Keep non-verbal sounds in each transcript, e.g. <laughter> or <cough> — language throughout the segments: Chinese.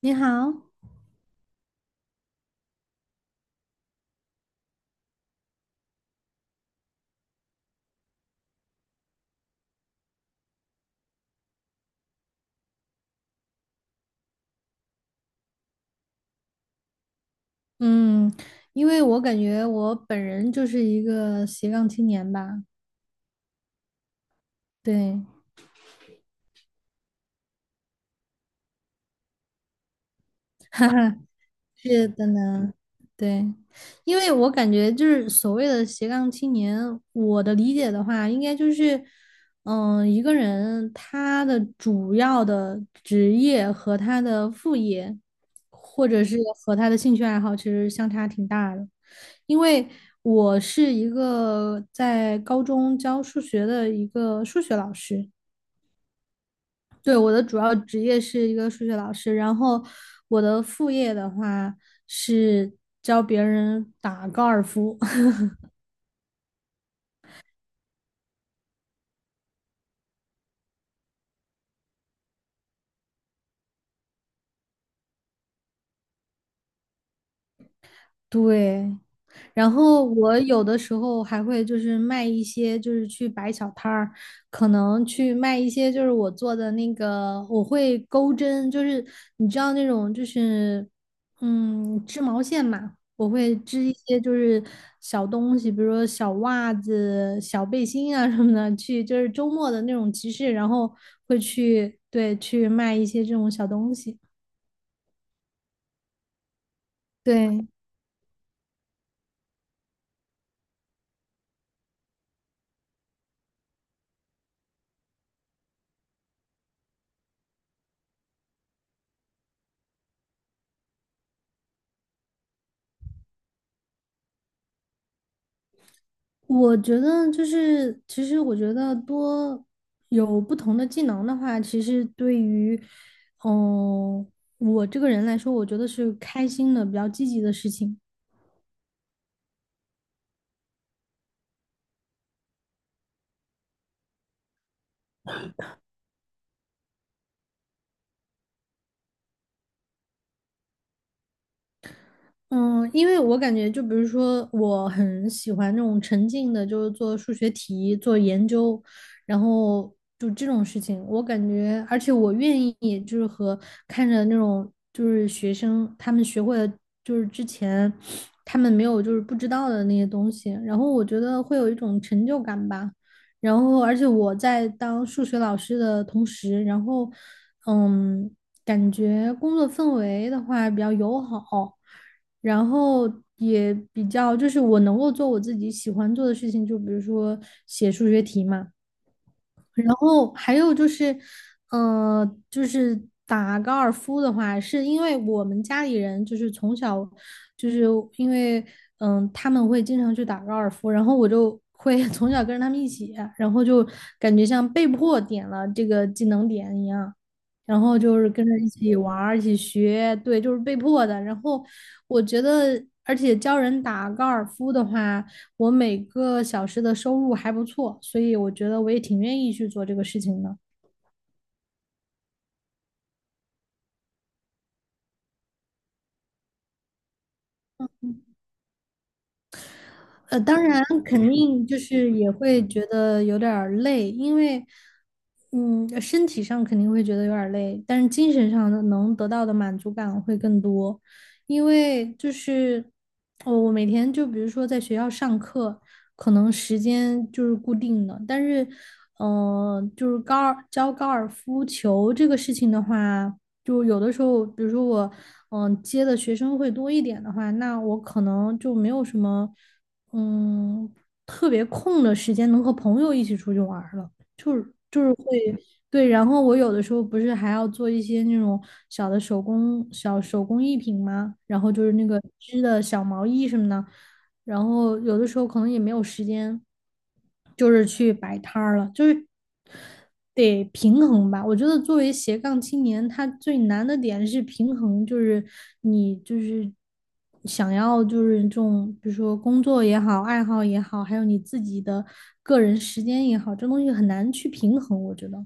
你好。嗯，因为我感觉我本人就是一个斜杠青年吧。对。<laughs> 是的呢。对，因为我感觉就是所谓的斜杠青年，我的理解的话，应该就是，一个人他的主要的职业和他的副业，或者是和他的兴趣爱好，其实相差挺大的。因为我是一个在高中教数学的一个数学老师。对，我的主要职业是一个数学老师，然后我的副业的话是教别人打高尔夫。对，然后我有的时候还会就是卖一些，就是去摆小摊儿，可能去卖一些就是我做的那个，我会钩针，就是你知道那种就是织毛线嘛，我会织一些就是小东西，比如说小袜子、小背心啊什么的，去就是周末的那种集市，然后会去对去卖一些这种小东西。对。我觉得就是，其实我觉得多有不同的技能的话，其实对于，嗯、我这个人来说，我觉得是开心的、比较积极的事情。嗯，因为我感觉，就比如说，我很喜欢那种沉浸的，就是做数学题、做研究，然后就这种事情，我感觉，而且我愿意，就是和看着那种就是学生他们学会了，就是之前他们没有就是不知道的那些东西，然后我觉得会有一种成就感吧。然后，而且我在当数学老师的同时，然后，嗯，感觉工作氛围的话比较友好。然后也比较就是我能够做我自己喜欢做的事情，就比如说写数学题嘛。然后还有就是，就是打高尔夫的话，是因为我们家里人就是从小，就是因为他们会经常去打高尔夫，然后我就会 <laughs> 从小跟着他们一起，然后就感觉像被迫点了这个技能点一样，然后就是跟着一起玩儿，一起学，对，就是被迫的。然后我觉得，而且教人打高尔夫的话。我每个小时的收入还不错，所以我觉得我也挺愿意去做这个事情的。当然肯定就是也会觉得有点儿累，因为，嗯，身体上肯定会觉得有点儿累，但是精神上的能得到的满足感会更多，因为就是，我每天就比如说在学校上课，可能时间就是固定的，但是，就是高尔夫球这个事情的话，就有的时候，比如说我，接的学生会多一点的话，那我可能就没有什么。嗯，特别空的时间能和朋友一起出去玩儿了，就是会，对，然后我有的时候不是还要做一些那种小手工艺品吗？然后就是那个织的小毛衣什么的，然后有的时候可能也没有时间，就是去摆摊儿了，就是得平衡吧。我觉得作为斜杠青年，他最难的点是平衡，就是你就是想要就是这种，比如说工作也好，爱好也好，还有你自己的个人时间也好，这东西很难去平衡，我觉得。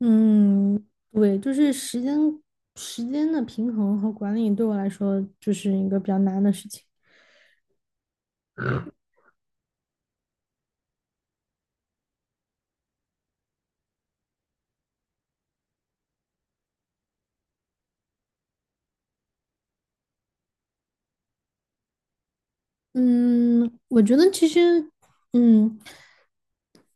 嗯，对，就是时间的平衡和管理对我来说就是一个比较难的事情。嗯，我觉得其实，嗯，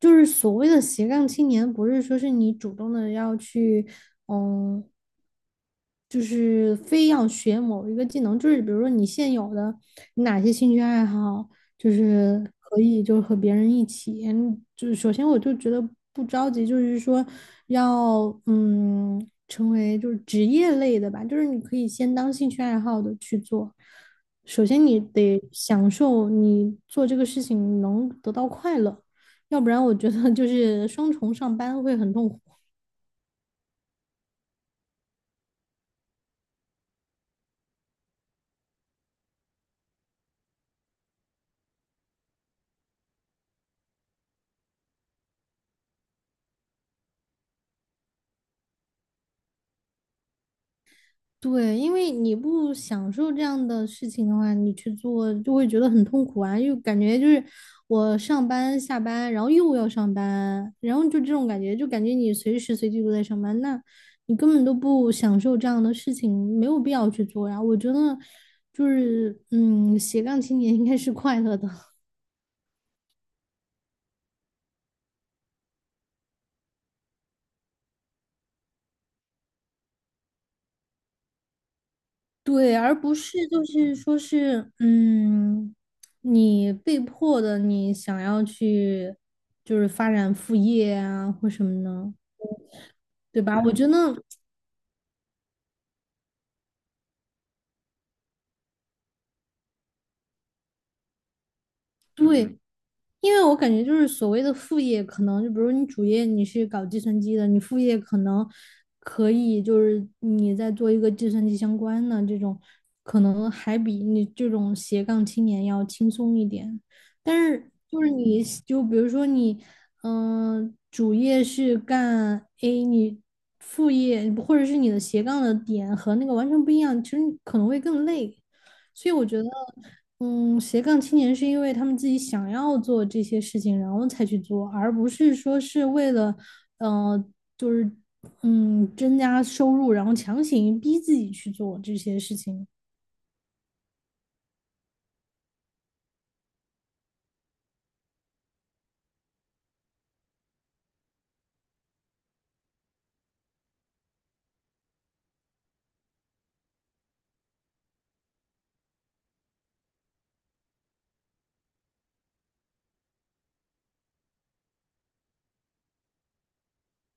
就是所谓的斜杠青年，不是说是你主动的要去，嗯，就是非要学某一个技能，就是比如说你现有的，你哪些兴趣爱好，就是可以就是和别人一起，就是首先我就觉得不着急，就是说要成为就是职业类的吧，就是你可以先当兴趣爱好的去做。首先你得享受你做这个事情能得到快乐，要不然我觉得就是双重上班会很痛苦。对，因为你不享受这样的事情的话，你去做就会觉得很痛苦啊，又感觉就是我上班下班，然后又要上班，然后就这种感觉，就感觉你随时随地都在上班，那你根本都不享受这样的事情，没有必要去做呀。我觉得就是，嗯，斜杠青年应该是快乐的。对，而不是就是说是，你被迫的，你想要去就是发展副业啊或什么的，对吧？我觉得对，因为我感觉就是所谓的副业，可能就比如你主业你是搞计算机的，你副业可能可以就是你在做一个计算机相关的这种，可能还比你这种斜杠青年要轻松一点。但是就是你就比如说你，主业是干 A，你副业或者是你的斜杠的点和那个完全不一样，其实你可能会更累。所以我觉得。嗯，斜杠青年是因为他们自己想要做这些事情，然后才去做，而不是说是为了，呃，就是增加收入，然后强行逼自己去做这些事情。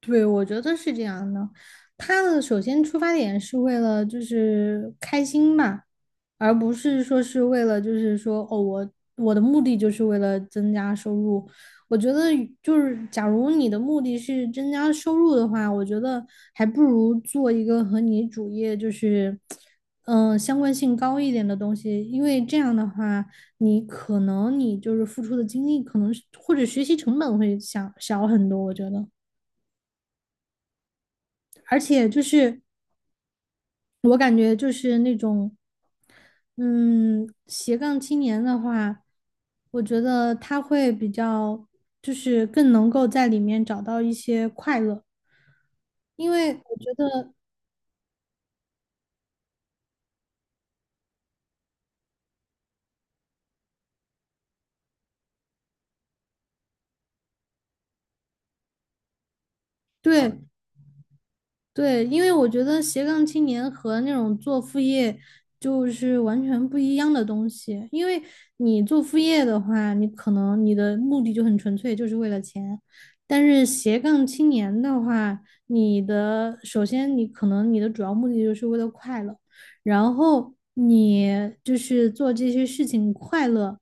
对，我觉得是这样的。他的首先出发点是为了就是开心嘛。而不是说是为了就是说哦，我的目的就是为了增加收入。我觉得就是假如你的目的是增加收入的话，我觉得还不如做一个和你主业就是相关性高一点的东西，因为这样的话，你可能你就是付出的精力可能或者学习成本会小很多，我觉得。而且就是我感觉就是那种，嗯，斜杠青年的话，我觉得他会比较，就是更能够在里面找到一些快乐，因为我觉得，对。对，因为我觉得斜杠青年和那种做副业就是完全不一样的东西。因为你做副业的话，你可能你的目的就很纯粹，就是为了钱。但是斜杠青年的话，你的首先你可能你的主要目的就是为了快乐。然后你就是做这些事情快乐，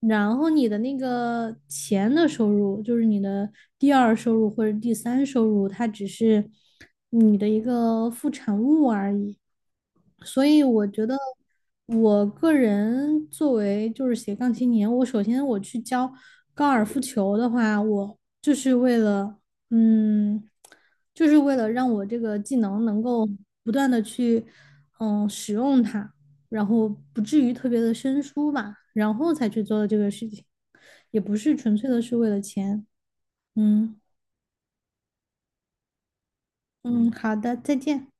然后你的那个钱的收入，就是你的第二收入或者第三收入，它只是你的一个副产物而已。所以我觉得，我个人作为就是斜杠青年，我首先我去教高尔夫球的话，我就是为了，嗯，就是为了让我这个技能能够不断的去，使用它，然后不至于特别的生疏吧，然后才去做的这个事情，也不是纯粹的是为了钱。嗯。嗯，好的，再见。